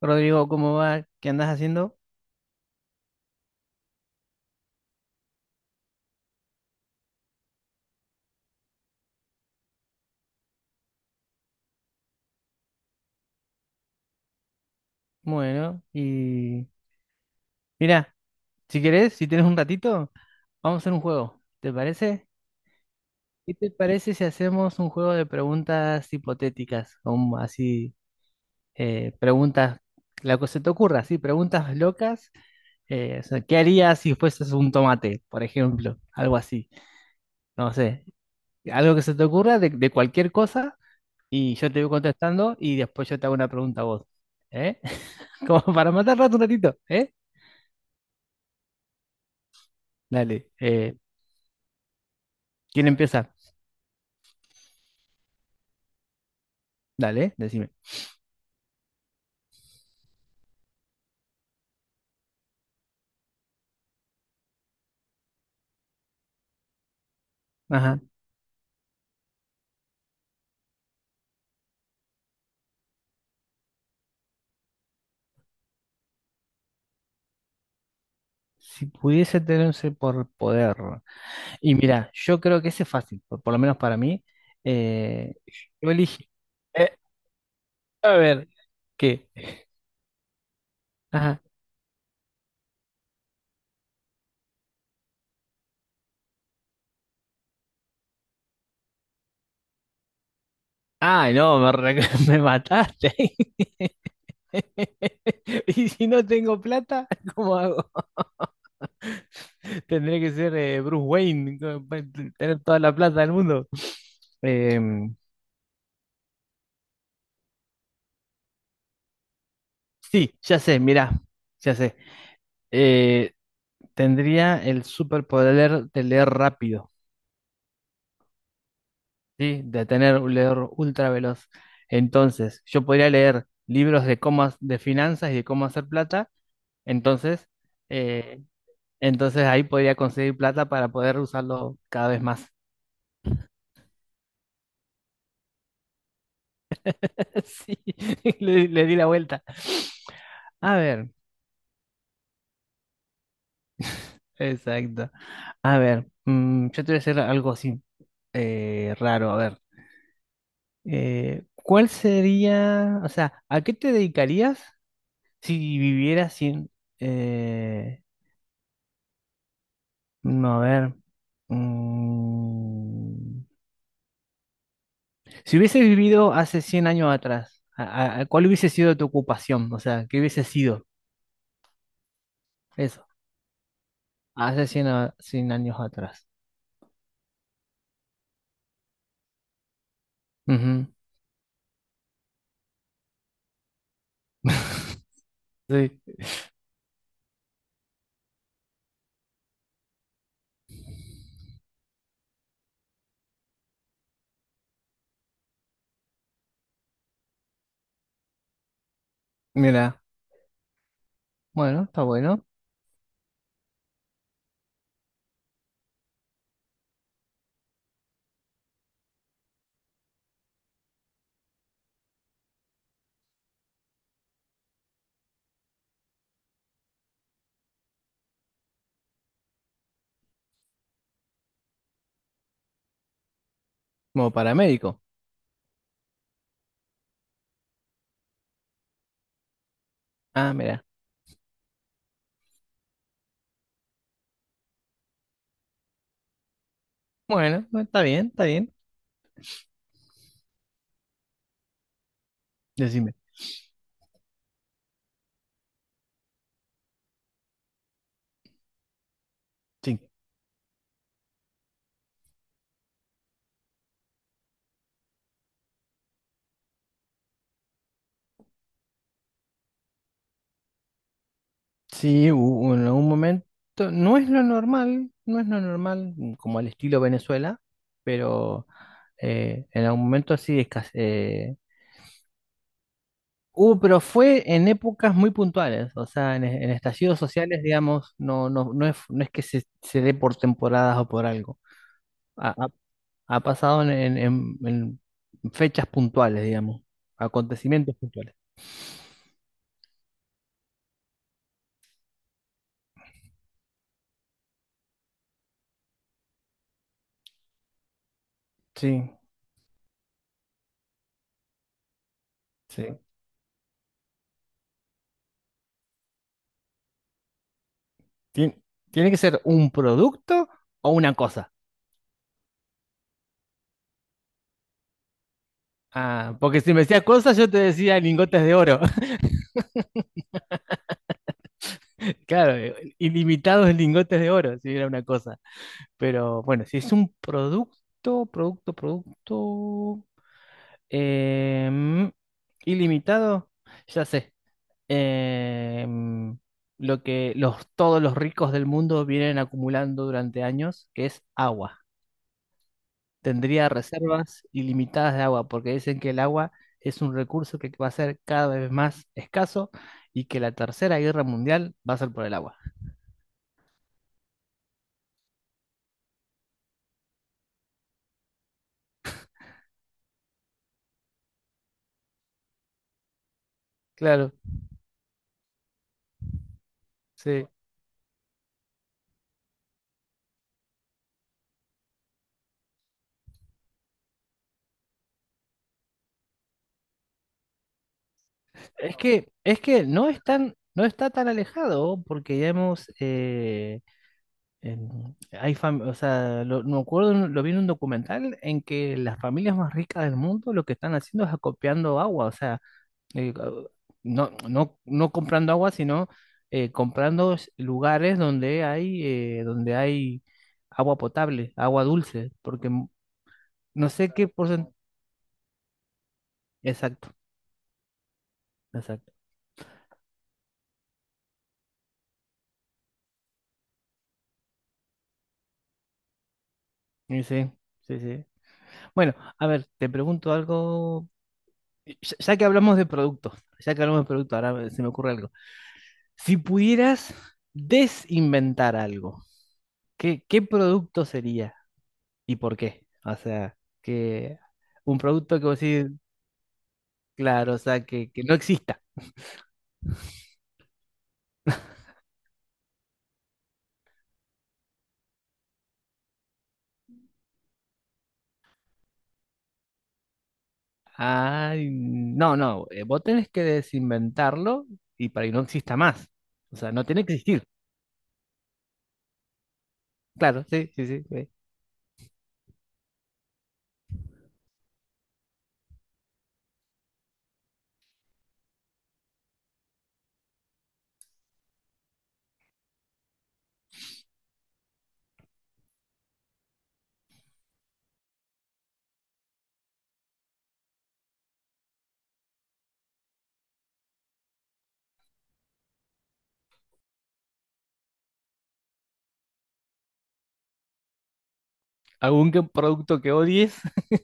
Rodrigo, ¿cómo va? ¿Qué andas haciendo? Bueno, y mira, si querés, si tienes un ratito, vamos a hacer un juego. ¿Te parece? ¿Qué te parece si hacemos un juego de preguntas hipotéticas? Como así, preguntas, lo que se te ocurra, sí, preguntas locas. O sea, ¿qué harías si fueses un tomate, por ejemplo? Algo así, no sé. Algo que se te ocurra de cualquier cosa. Y yo te voy contestando y después yo te hago una pregunta a vos. ¿Eh? Como para matar rato un ratito, ¿eh? Dale. ¿Quién empieza? Dale, decime. Ajá. Si pudiese tener un superpoder. Y mira, yo creo que ese es fácil, por lo menos para mí. Eh, yo elige. eh, a ver, ¿qué? Ajá. Ay, no, me, me mataste. Y si no tengo plata, ¿cómo hago? Tendría que ser Bruce Wayne, tener toda la plata del mundo. Em, sí, ya sé, mirá, ya sé. Eh, Tendría el superpoder de leer rápido, ¿sí? De tener un leer ultra veloz. Entonces, yo podría leer libros de cómo, de finanzas y de cómo hacer plata. Entonces, eh, entonces, ahí podría conseguir plata para poder usarlo cada vez más. Sí, le di la vuelta. A ver. Exacto. A ver, yo te voy a hacer algo así raro. A ver, ¿cuál sería, o sea, a qué te dedicarías si vivieras sin, eh, no, a ver, mm, si hubieses vivido hace 100 años atrás, ¿cuál hubiese sido tu ocupación? O sea, ¿qué hubiese sido eso? Hace 100 años atrás. Ujú. Sí, mira, bueno, está bueno. Como paramédico. Ah, mira. Bueno, bueno, está bien, está bien. Decime. Sí, sí, en algún momento. No es lo normal, no es lo normal, como al estilo Venezuela, pero en algún momento sí hubo, pero fue en épocas muy puntuales, o sea, en estallidos sociales, digamos, no, no, no es que se dé por temporadas o por algo. Ha, ha- Ha pasado en fechas puntuales, digamos, acontecimientos puntuales. Sí, sí. Tien- Tiene que ser un producto o una cosa. Ah, porque si me decías cosas, yo te decía lingotes de oro. Claro, ilimitados en lingotes de oro, si era una cosa. Pero bueno, si es un producto, producto, producto, em, ilimitado, ya sé. Em, lo que todos los ricos del mundo vienen acumulando durante años, que es agua. Tendría reservas ilimitadas de agua, porque dicen que el agua es un recurso que va a ser cada vez más escaso y que la Tercera Guerra Mundial va a ser por el agua. Claro, sí. Es que no está tan alejado, porque ya hemos, hay o sea, me acuerdo, lo vi en un documental en que las familias más ricas del mundo lo que están haciendo es acopiando agua, o sea, eh, no, no, no comprando agua, sino comprando lugares donde hay agua potable, agua dulce, porque no sé qué porcentaje. Exacto, exacto. Y sí, sí, sí. Bueno, a ver, te pregunto algo. Ya, ya que hablamos de productos, ya que hablamos de productos, ahora se me ocurre algo. Si pudieras desinventar algo, ¿qué producto sería y por qué? O sea, que un producto que vos decís, claro, o sea, que no exista. Ay, no, no, vos tenés que desinventarlo y para que no exista más. O sea, no tiene que existir. Claro, sí, sí, sí. ¿Algún producto que odies?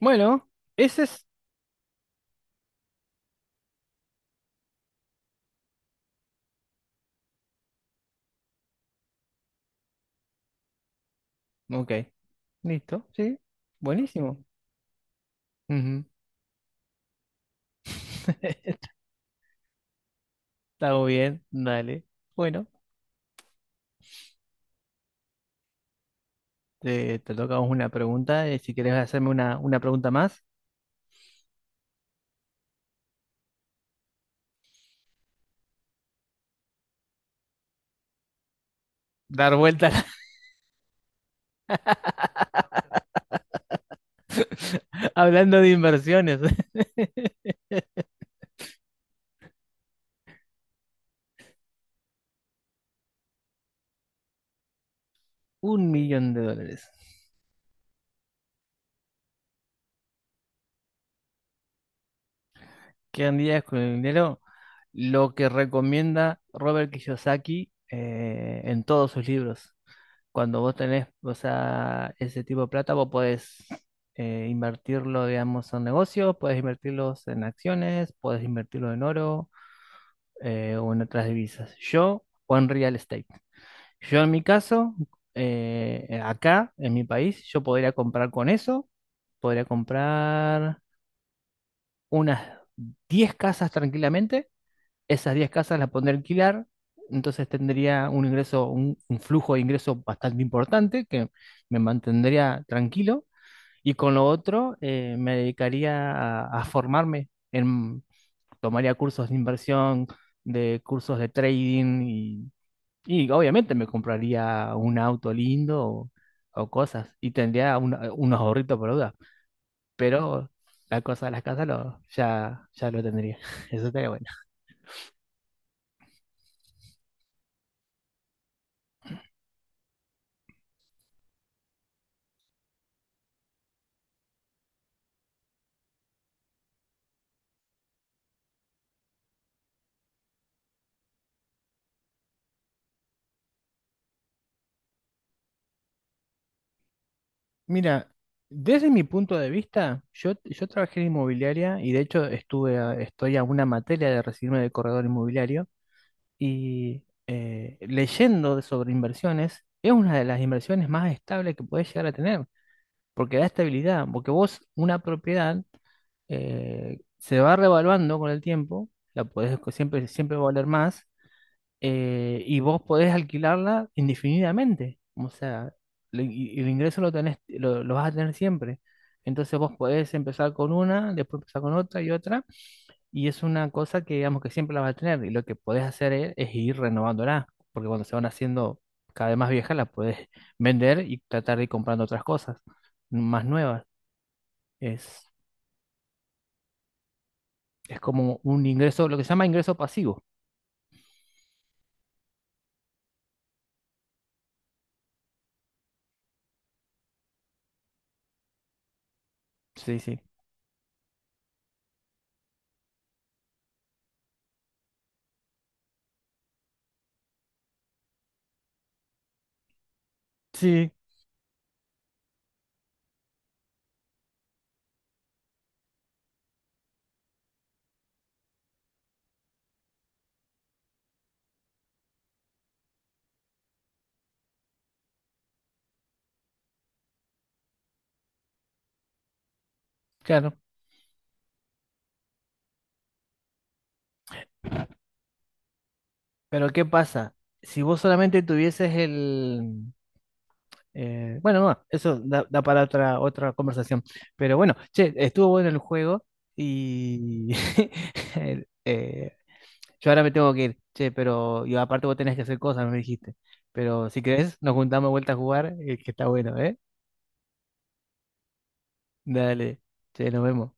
Bueno, ese es... Ok, listo, sí. Buenísimo. Ujú. Está muy bien, dale. Bueno, te toca a vos una pregunta. Si querés hacerme una pregunta más, dar vuelta hablando de inversiones. 1 millón de dólares. Quedan días con el dinero, lo que recomienda Robert Kiyosaki en todos sus libros. Cuando vos tenés, o sea, ese tipo de plata, vos podés invertirlo, digamos, en negocios, podés invertirlos en acciones, podés invertirlo en oro o en otras divisas. O en real estate. Yo en mi caso, acá, en mi país, yo podría comprar con eso, podría comprar unas 10 casas tranquilamente. Esas 10 casas las pondré a alquilar, entonces tendría un ingreso, un flujo de ingreso bastante importante que me mantendría tranquilo y con lo otro me dedicaría a formarme, en, tomaría cursos de inversión, de cursos de trading y obviamente me compraría un auto lindo o cosas y tendría unos ahorritos por duda, pero la cosa de las casas, ya, ya lo tendría. Eso estaría bueno. Mira, desde mi punto de vista, yo trabajé en inmobiliaria y de hecho estoy a una materia de recibirme de corredor inmobiliario y leyendo sobre inversiones es una de las inversiones más estables que puedes llegar a tener, porque da estabilidad, porque vos una propiedad se va revaluando con el tiempo, la podés, siempre, siempre va a valer más, y vos podés alquilarla indefinidamente. O sea, el ingreso lo tenés, lo vas a tener siempre. Entonces vos podés empezar con una, después empezar con otra y otra, y es una cosa que digamos que siempre la vas a tener, y lo que podés hacer es ir renovándola, porque cuando se van haciendo cada vez más viejas, las podés vender y tratar de ir comprando otras cosas más nuevas. Es, es como un ingreso, lo que se llama ingreso pasivo. Sí, sí. Sí, claro. Pero ¿qué pasa? Si vos solamente tuvieses el... Bueno, no, eso da para otra conversación. Pero bueno, che, estuvo bueno el juego y el- eh, yo ahora me tengo que ir. Che, pero y aparte vos tenés que hacer cosas, me dijiste. Pero si querés, nos juntamos de vuelta a jugar, que está bueno, ¿eh? Dale, che, nos vemos.